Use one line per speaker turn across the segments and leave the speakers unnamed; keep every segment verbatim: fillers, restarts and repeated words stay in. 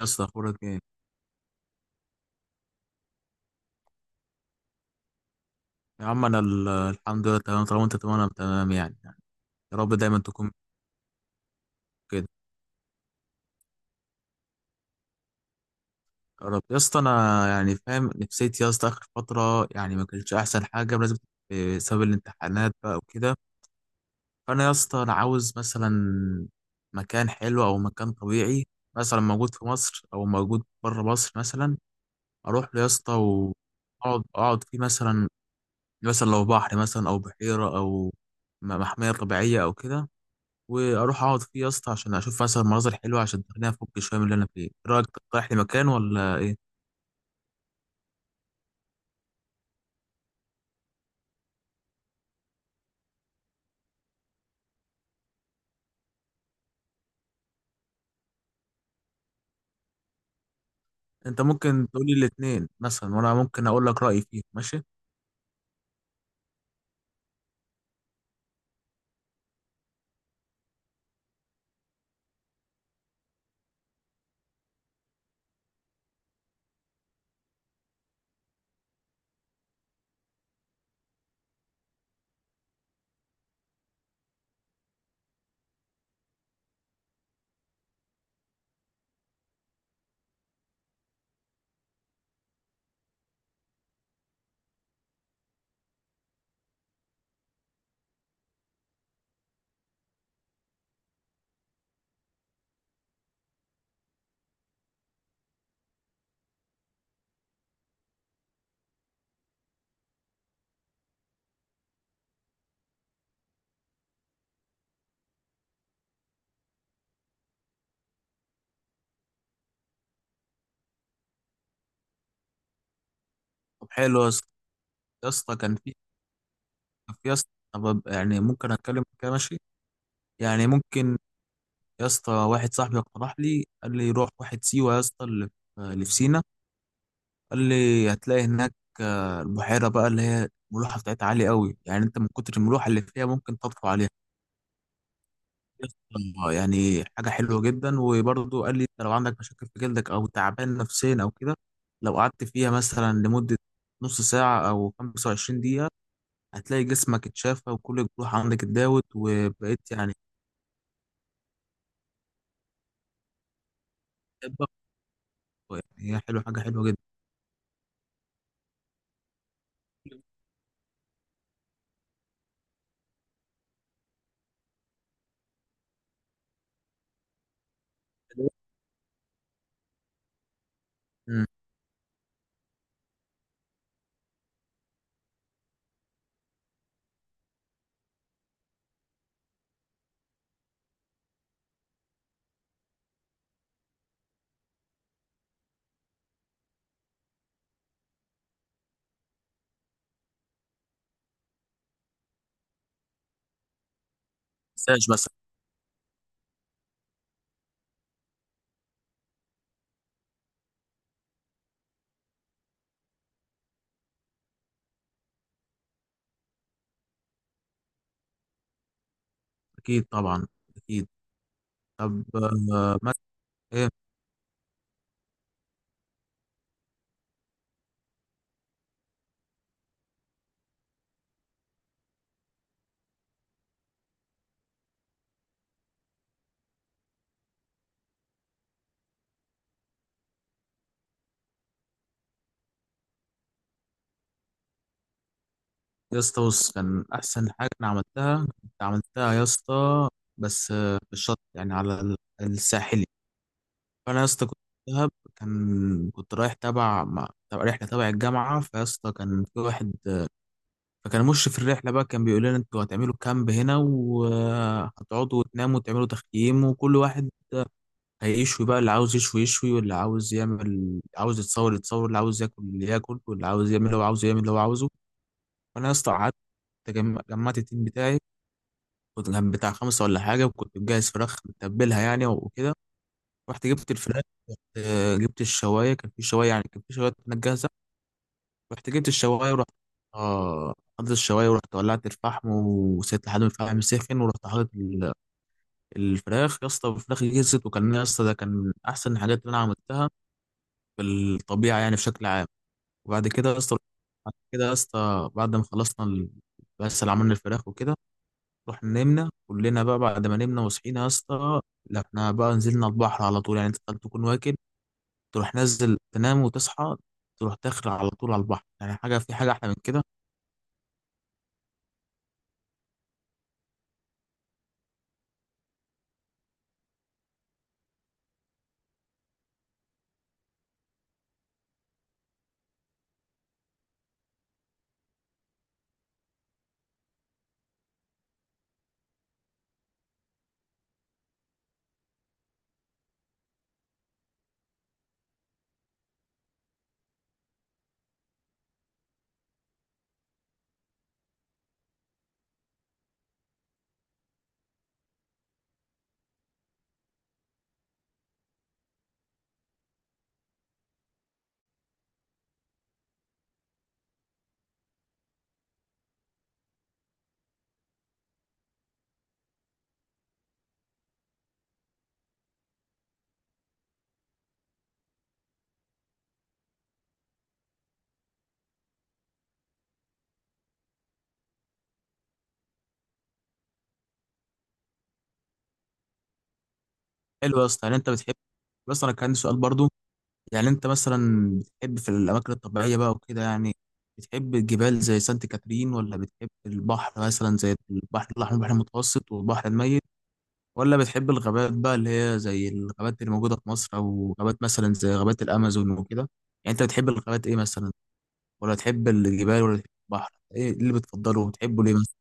يا اسطى اخبارك ايه؟ يا عم انا ال- الحمد لله تمام. طالما انت تمام انا تمام، يعني يعني. يا رب دايما تكون كده. يا رب يا اسطى، انا يعني فاهم نفسيتي يا اسطى. اخر فتره يعني ما كانتش احسن حاجه بسبب، بسبب الامتحانات بقى وكده. فانا يا اسطى انا عاوز مثلا مكان حلو او مكان طبيعي، مثلا موجود في مصر او موجود بره مصر، مثلا اروح له يا اسطى واقعد اقعد فيه مثلا. مثلا لو بحر مثلا او بحيره او م- محميه طبيعيه او كده، واروح اقعد فيه يا اسطى عشان اشوف مثلا مناظر حلوه عشان تخليني افك شويه من اللي انا فيه. إيه رايك، تقترح لي مكان ولا ايه؟ انت ممكن تقول لي الاثنين مثلا وانا ممكن اقول لك رايي فيه، ماشي. طب حلو يا اسطى. يا اسطى كان في، كان في يا اسطى طب يعني ممكن اتكلم كده؟ ماشي. يعني ممكن يا اسطى، واحد صاحبي اقترح لي قال لي روح واحد سيوه يا اسطى، اللي في، اللي في سينا. قال لي هتلاقي هناك آه، البحيره بقى اللي هي الملوحه بتاعتها عاليه قوي، يعني انت من كتر الملوحه اللي فيها ممكن تطفو عليها. آه، يعني حاجة حلوة جدا. وبرضه قال لي انت لو عندك مشاكل في جلدك او تعبان نفسيا او كده، لو قعدت فيها مثلا لمدة نص ساعة او خمسة وعشرين دقيقة، هتلاقي جسمك اتشافى وكل الجروح عندك اتداوت وبقيت يعني شابة. يعني هي حلوة، حاجة حلوة جدا. مم. مساج بس. اكيد طبعا. اكيد. طب آه، مثلا ايه؟ يا اسطى بص، كان احسن حاجة انا عملتها، كنت عملتها يا اسطى بس آه، في الشط يعني على ال- الساحلي. فانا يا اسطى كنت في دهب. كان كنت رايح تبع، مع تبع رحله تبع الجامعه. فيا اسطى كان في واحد، فكان مشرف الرحله بقى، كان بيقول لنا انتوا هتعملوا كامب هنا وهتقعدوا وتناموا وتعملوا تخييم، وكل واحد هيشوي بقى، اللي عاوز يشوي يشوي واللي عاوز يعمل، عاوز يتصور يتصور، اللي عاوز ياكل اللي ياكل، واللي عاوز يعمل اللي هو عاوزه يعمل اللي هو عاوزه. فانا يا اسطى قعدت، جم- جمعت التيم بتاعي، كنت كان بتاع خمسه ولا حاجه، وكنت مجهز فراخ متبلها يعني وكده. رحت جبت الفراخ، آه، جبت الشوايه، كان في شوايه، يعني كان في شوايه كانت جاهزه. رحت جبت الشوايه ورحت، اه حطيت الشوايه ورحت ولعت الفحم وسيبت لحد ما الفحم سخن، ورحت حاطط ال- الفراخ يا اسطى. الفراخ جهزت، وكان يا اسطى ده كان من احسن الحاجات اللي انا عملتها في الطبيعه يعني بشكل عام. وبعد كده يا اسطى، بعد كده يا اسطى بعد ما خلصنا ال- بس اللي عملنا الفراخ وكده، رحنا نمنا كلنا بقى. بعد ما نمنا وصحينا يا اسطى، لا احنا بقى نزلنا البحر على طول. يعني انت تكون واكل، تروح نزل تنام وتصحى، تروح داخل على طول على البحر، يعني حاجه، في حاجه احلى من كده؟ حلو يا اسطى. يعني انت بتحب، بس انا كان عندي سؤال برضو. يعني انت مثلا بتحب في الاماكن الطبيعيه بقى وكده، يعني بتحب الجبال زي سانت كاترين، ولا بتحب البحر مثلا زي البحر الاحمر، البحر المتوسط، والبحر الميت، ولا بتحب الغابات بقى اللي هي زي الغابات اللي موجوده في مصر، او غابات مثلا زي غابات الامازون وكده؟ يعني انت بتحب الغابات ايه مثلا؟ ولا تحب الجبال ولا تحب البحر؟ ايه اللي بتفضله وبتحبه ليه مثلا؟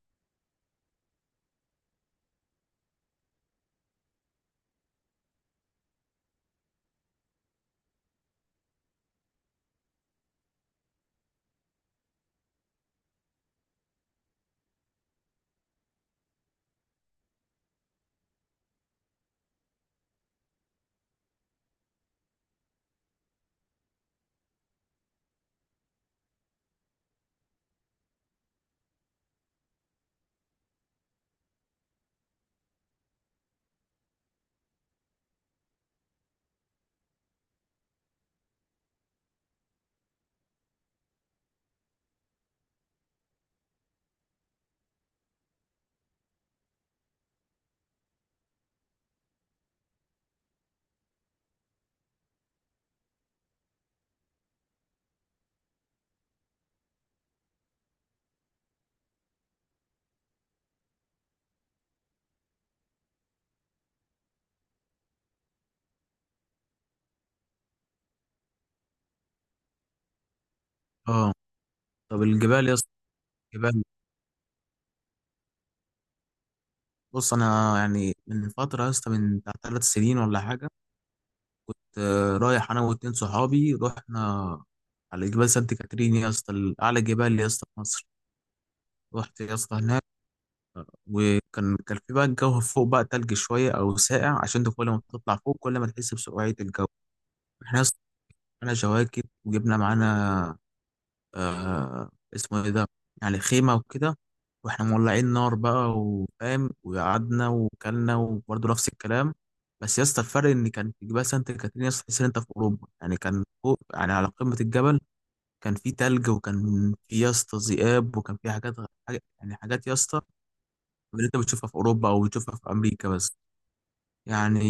اه. طب الجبال، يا يبقى بص، انا يعني من فتره يا اسطى، من بتاع ثلاث سنين ولا حاجه، كنت رايح انا واتنين صحابي، رحنا على جبال سانت كاترين يا اسطى، ال- اعلى جبال يا اسطى في مصر. رحت يا اسطى هناك، وكان كان في بقى الجو فوق بقى تلج شويه او ساقع، عشان انت كل ما بتطلع فوق كل ما تحس بسقوعيه الجو. احنا يا اسطى معانا جواكت، وجبنا معانا آه، اسمه ايه ده، يعني خيمة وكده، واحنا مولعين نار بقى وفاهم، وقعدنا وكلنا وبرضه نفس الكلام. بس يا اسطى الفرق ان كان في جبال سانت كاترين يا اسطى، تحس ان انت في اوروبا يعني. كان فوق يعني على قمة الجبل، كان في تلج، وكان في يا اسطى ذئاب، وكان في حاجات غ- حاجة يعني، حاجات يا اسطى اللي انت بتشوفها في اوروبا او بتشوفها في امريكا بس. يعني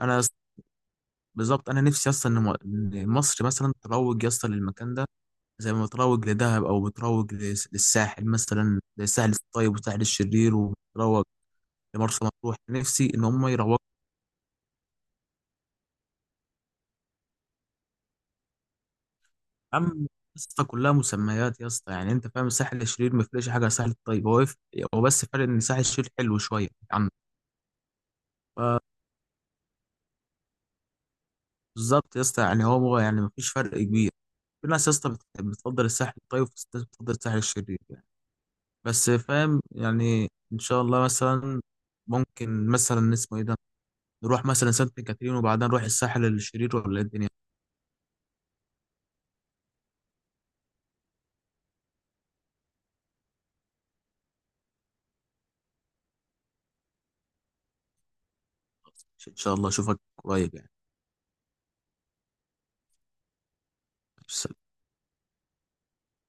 انا يا اسطى- بالظبط انا نفسي يا اسطى ان م- إن مصر مثلا تروج يا اسطى للمكان ده، زي ما بتروج لدهب، او بتروج لس- للساحل، مثلا للساحل الطيب والساحل الشرير، وبتروج لمرسى مطروح. نفسي ان هم يروجوا. يا عم يا اسطى، كلها مسميات يا اسطى، يعني انت فاهم، الساحل الشرير ما فرقش حاجه عن الساحل الطيب. هو يف- هو بس فرق ان الساحل الشرير حلو شويه عن، بالظبط يا اسطى، يعني هو يعني ما فيش فرق كبير. في ناس يا اسطى بت- بتفضل الساحل الطيب، وفي ناس بتفضل الساحل الشرير يعني. بس فاهم، يعني ان شاء الله مثلا ممكن مثلا، اسمه ايه ده، نروح مثلا سانت كاترين وبعدين نروح الساحل الشرير، ولا إيه الدنيا؟ ان شاء الله اشوفك قريب، يعني